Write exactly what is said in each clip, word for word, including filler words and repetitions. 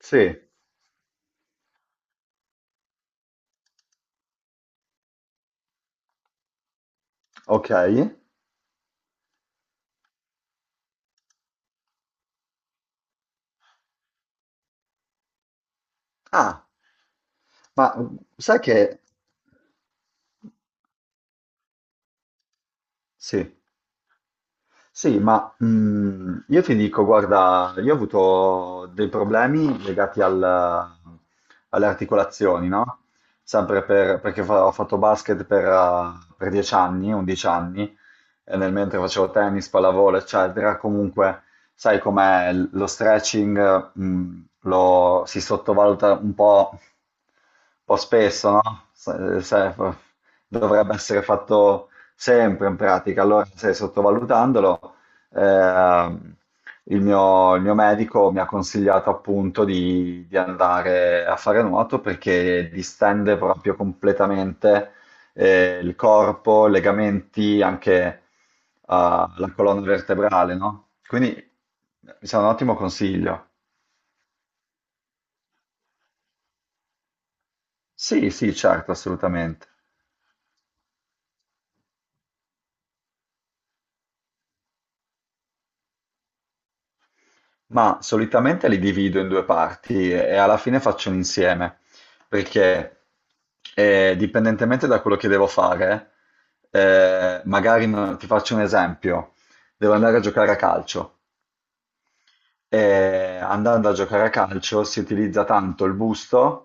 Sì, ok. Ah, ma mm, sai che... Sì. Sì, ma mh, io ti dico, guarda, io ho avuto dei problemi legati al- alle articolazioni, no? Sempre per- perché fa- ho fatto basket per, eh, per dieci anni, undici anni, e nel mentre facevo tennis, pallavolo, eccetera, comunque, sai com'è, l- lo stretching, mh, lo, si sottovaluta un po', un po' spesso, no? Se- se- dovrebbe essere fatto sempre, in pratica. Allora, se sottovalutandolo, ehm, il mio, il mio medico mi ha consigliato appunto di, di andare a fare nuoto perché distende proprio completamente eh, il corpo, i legamenti, anche eh, la colonna vertebrale, no? Quindi mi sembra un ottimo consiglio. Sì, sì, certo, assolutamente. Ma solitamente li divido in due parti e alla fine faccio un insieme, perché eh, dipendentemente da quello che devo fare, eh, magari non- ti faccio un esempio, devo andare a giocare a calcio. E andando a giocare a calcio si utilizza tanto il busto,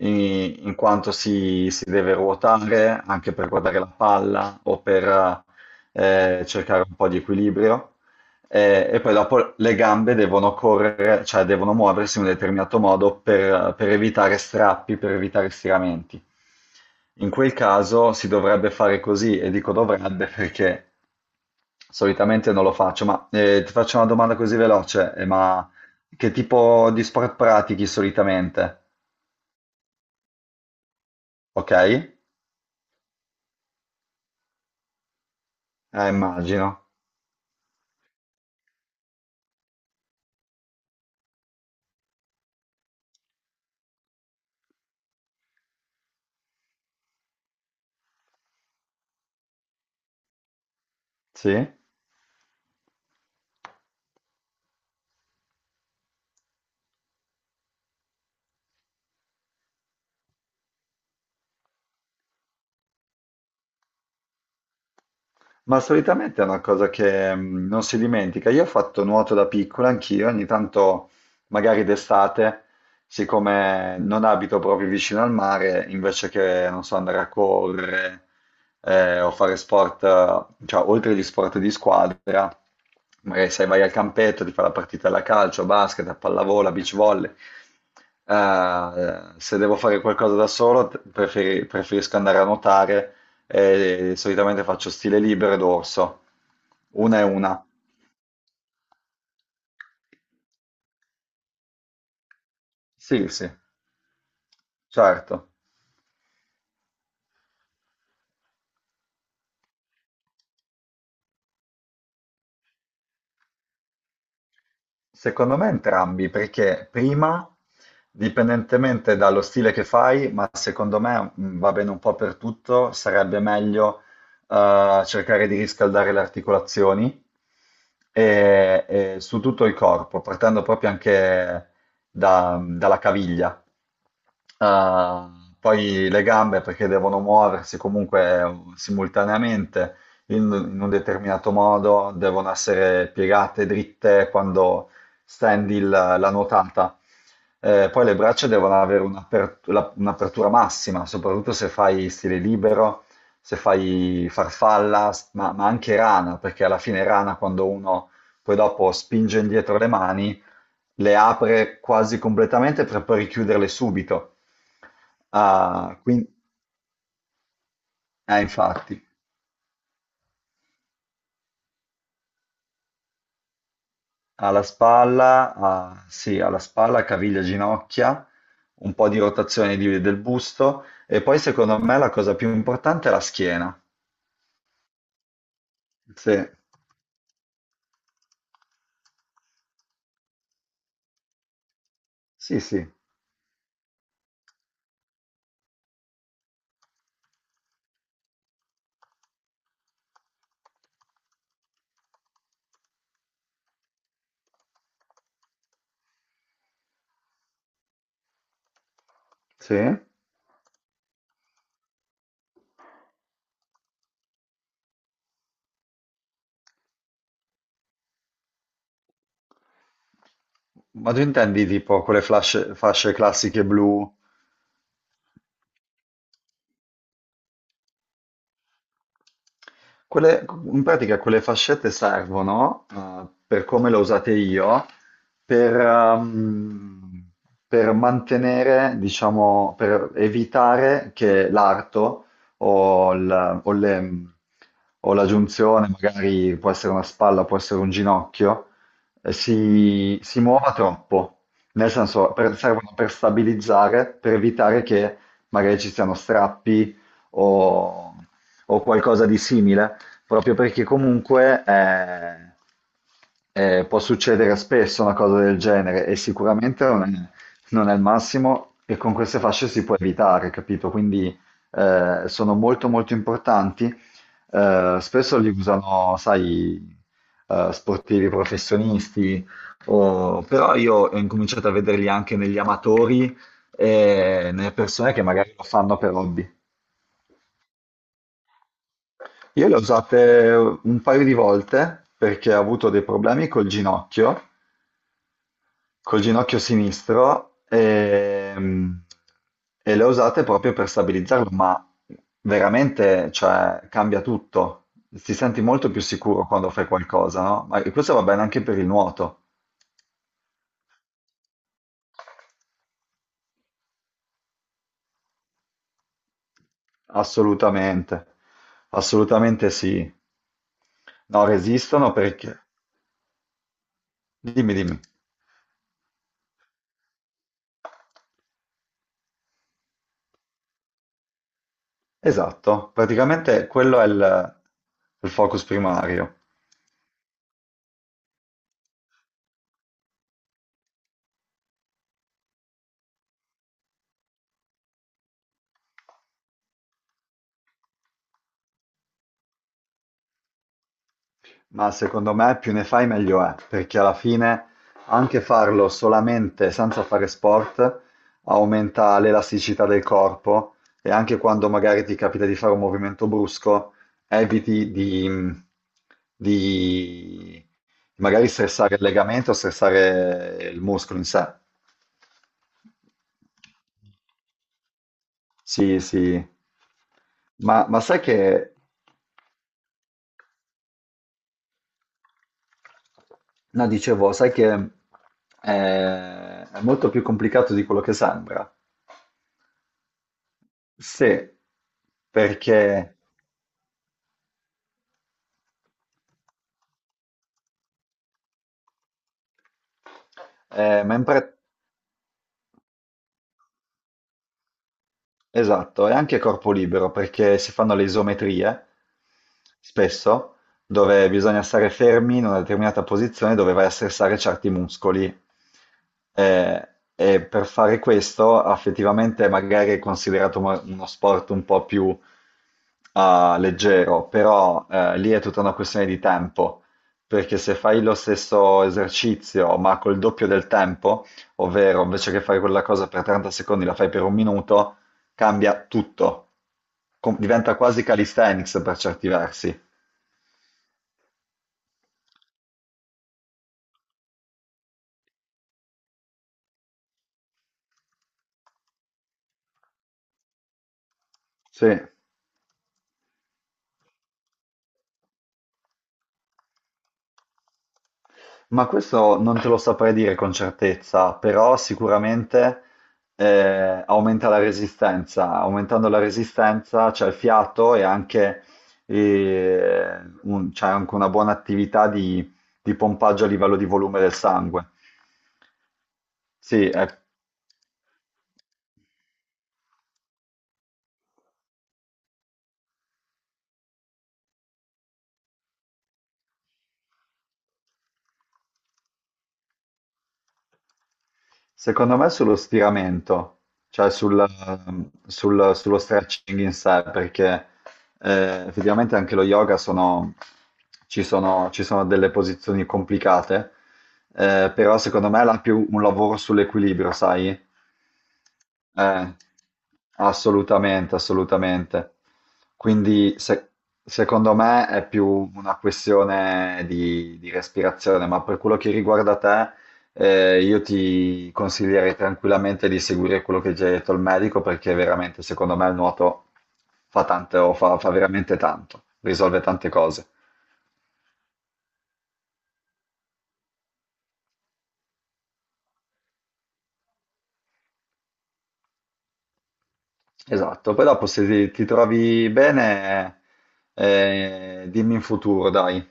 in, in quanto si, si deve ruotare anche per guardare la palla o per eh, cercare un po' di equilibrio. Eh, e poi dopo le gambe devono correre, cioè devono muoversi in un determinato modo per, per evitare strappi, per evitare stiramenti. In quel caso si dovrebbe fare così, e dico dovrebbe perché solitamente non lo faccio, ma eh, ti faccio una domanda così veloce, eh, ma che tipo di sport pratichi solitamente? Ok? Eh, immagino, sì. Ma solitamente è una cosa che mm, non si dimentica. Io ho fatto nuoto da piccola anch'io, ogni tanto, magari d'estate, siccome non abito proprio vicino al mare, invece che, non so, andare a correre eh, o fare sport, eh, cioè oltre agli sport di squadra, magari sai, vai al campetto, ti fai la partita alla calcio, a basket, a pallavolo, a beach volley. Eh, se devo fare qualcosa da solo, t- preferi- preferisco andare a nuotare e solitamente faccio stile libero ed orso. Una e una. Sì, sì, certo. Secondo me entrambi, perché prima, dipendentemente dallo stile che fai, ma secondo me mh, va bene un po' per tutto, sarebbe meglio eh, cercare di riscaldare le articolazioni e, e su tutto il corpo, partendo proprio anche da- dalla caviglia. Ah, poi le gambe perché devono muoversi comunque ehm, simultaneamente in, in un determinato modo, devono essere piegate dritte quando stendi il- la nuotata. Eh, poi le braccia devono avere un'apert- la- un'apertura massima, soprattutto se fai stile libero, se fai farfalla, s- ma, ma anche rana, perché alla fine rana quando uno poi dopo spinge indietro le mani le apre quasi completamente per poi richiuderle subito. Ah, quin- eh, infatti, alla spalla, ah, sì, alla spalla, caviglia, ginocchia, un po' di rotazione di- del busto e poi secondo me la cosa più importante è la schiena. Sì, sì, sì, sì. Ma tu intendi tipo quelle flasce- fasce classiche blu? Quelle- in pratica quelle fascette servono, eh, per come le ho usate io, per, ehm, per mantenere, diciamo, per evitare che l'arto o, il- o le- o la giunzione, magari può essere una spalla, può essere un ginocchio, eh, si, si muova troppo. Nel senso, per- servono per stabilizzare, per evitare che magari ci siano strappi o o qualcosa di simile, proprio perché comunque eh, eh, può succedere spesso una cosa del genere e sicuramente non è, non è il massimo e con queste fasce si può evitare, capito? Quindi eh, sono molto molto importanti. Eh, spesso li usano, sai, eh, sportivi professionisti, o- però io ho incominciato a vederli anche negli amatori e nelle persone che magari lo fanno per hobby. Io le ho usate un paio di volte perché ho avuto dei problemi col ginocchio, col ginocchio sinistro, e, e le ho usate proprio per stabilizzarlo, ma veramente, cioè, cambia tutto. Ti senti molto più sicuro quando fai qualcosa, no? Ma e questo va bene anche per il nuoto, assolutamente, assolutamente sì. No, resistono perché... Dimmi, dimmi. Esatto, praticamente quello è il il focus primario. Ma secondo me più ne fai meglio è, perché alla fine anche farlo solamente senza fare sport aumenta l'elasticità del corpo e anche quando magari ti capita di fare un movimento brusco, eviti di, di magari stressare il legamento o stressare il muscolo in sé. Sì, sì. Ma, ma sai che, no, dicevo, sai che eh, è molto più complicato di quello che sembra. Sì, perché eh, mentre esatto, e anche corpo libero perché si fanno le isometrie spesso dove bisogna stare fermi in una determinata posizione dove vai a stressare certi muscoli. Eh, e per fare questo effettivamente magari è considerato mo- uno sport un po' più ah, leggero, però eh, lì è tutta una questione di tempo, perché se fai lo stesso esercizio ma col doppio del tempo, ovvero invece che fare quella cosa per trenta secondi la fai per un minuto, cambia tutto. Com- diventa quasi calisthenics per certi versi. Sì, ma questo non te lo saprei dire con certezza, però sicuramente eh, aumenta la resistenza, aumentando la resistenza c'è il fiato e anche, eh, un- c'è anche una buona attività di, di pompaggio a livello di volume del sangue. Sì, è secondo me sullo stiramento, cioè sul- sul- sullo stretching in sé, perché eh, effettivamente anche lo yoga sono, ci sono, ci sono delle posizioni complicate, eh, però secondo me è la più un lavoro sull'equilibrio, sai? Eh, assolutamente, assolutamente. Quindi se- secondo me è più una questione di, di respirazione, ma per quello che riguarda te, eh, io ti consiglierei tranquillamente di seguire quello che già hai detto al medico perché veramente, secondo me, il nuoto fa tanto, fa, fa veramente tanto, risolve tante cose. Esatto, poi dopo se ti, ti trovi bene, eh, dimmi in futuro, dai.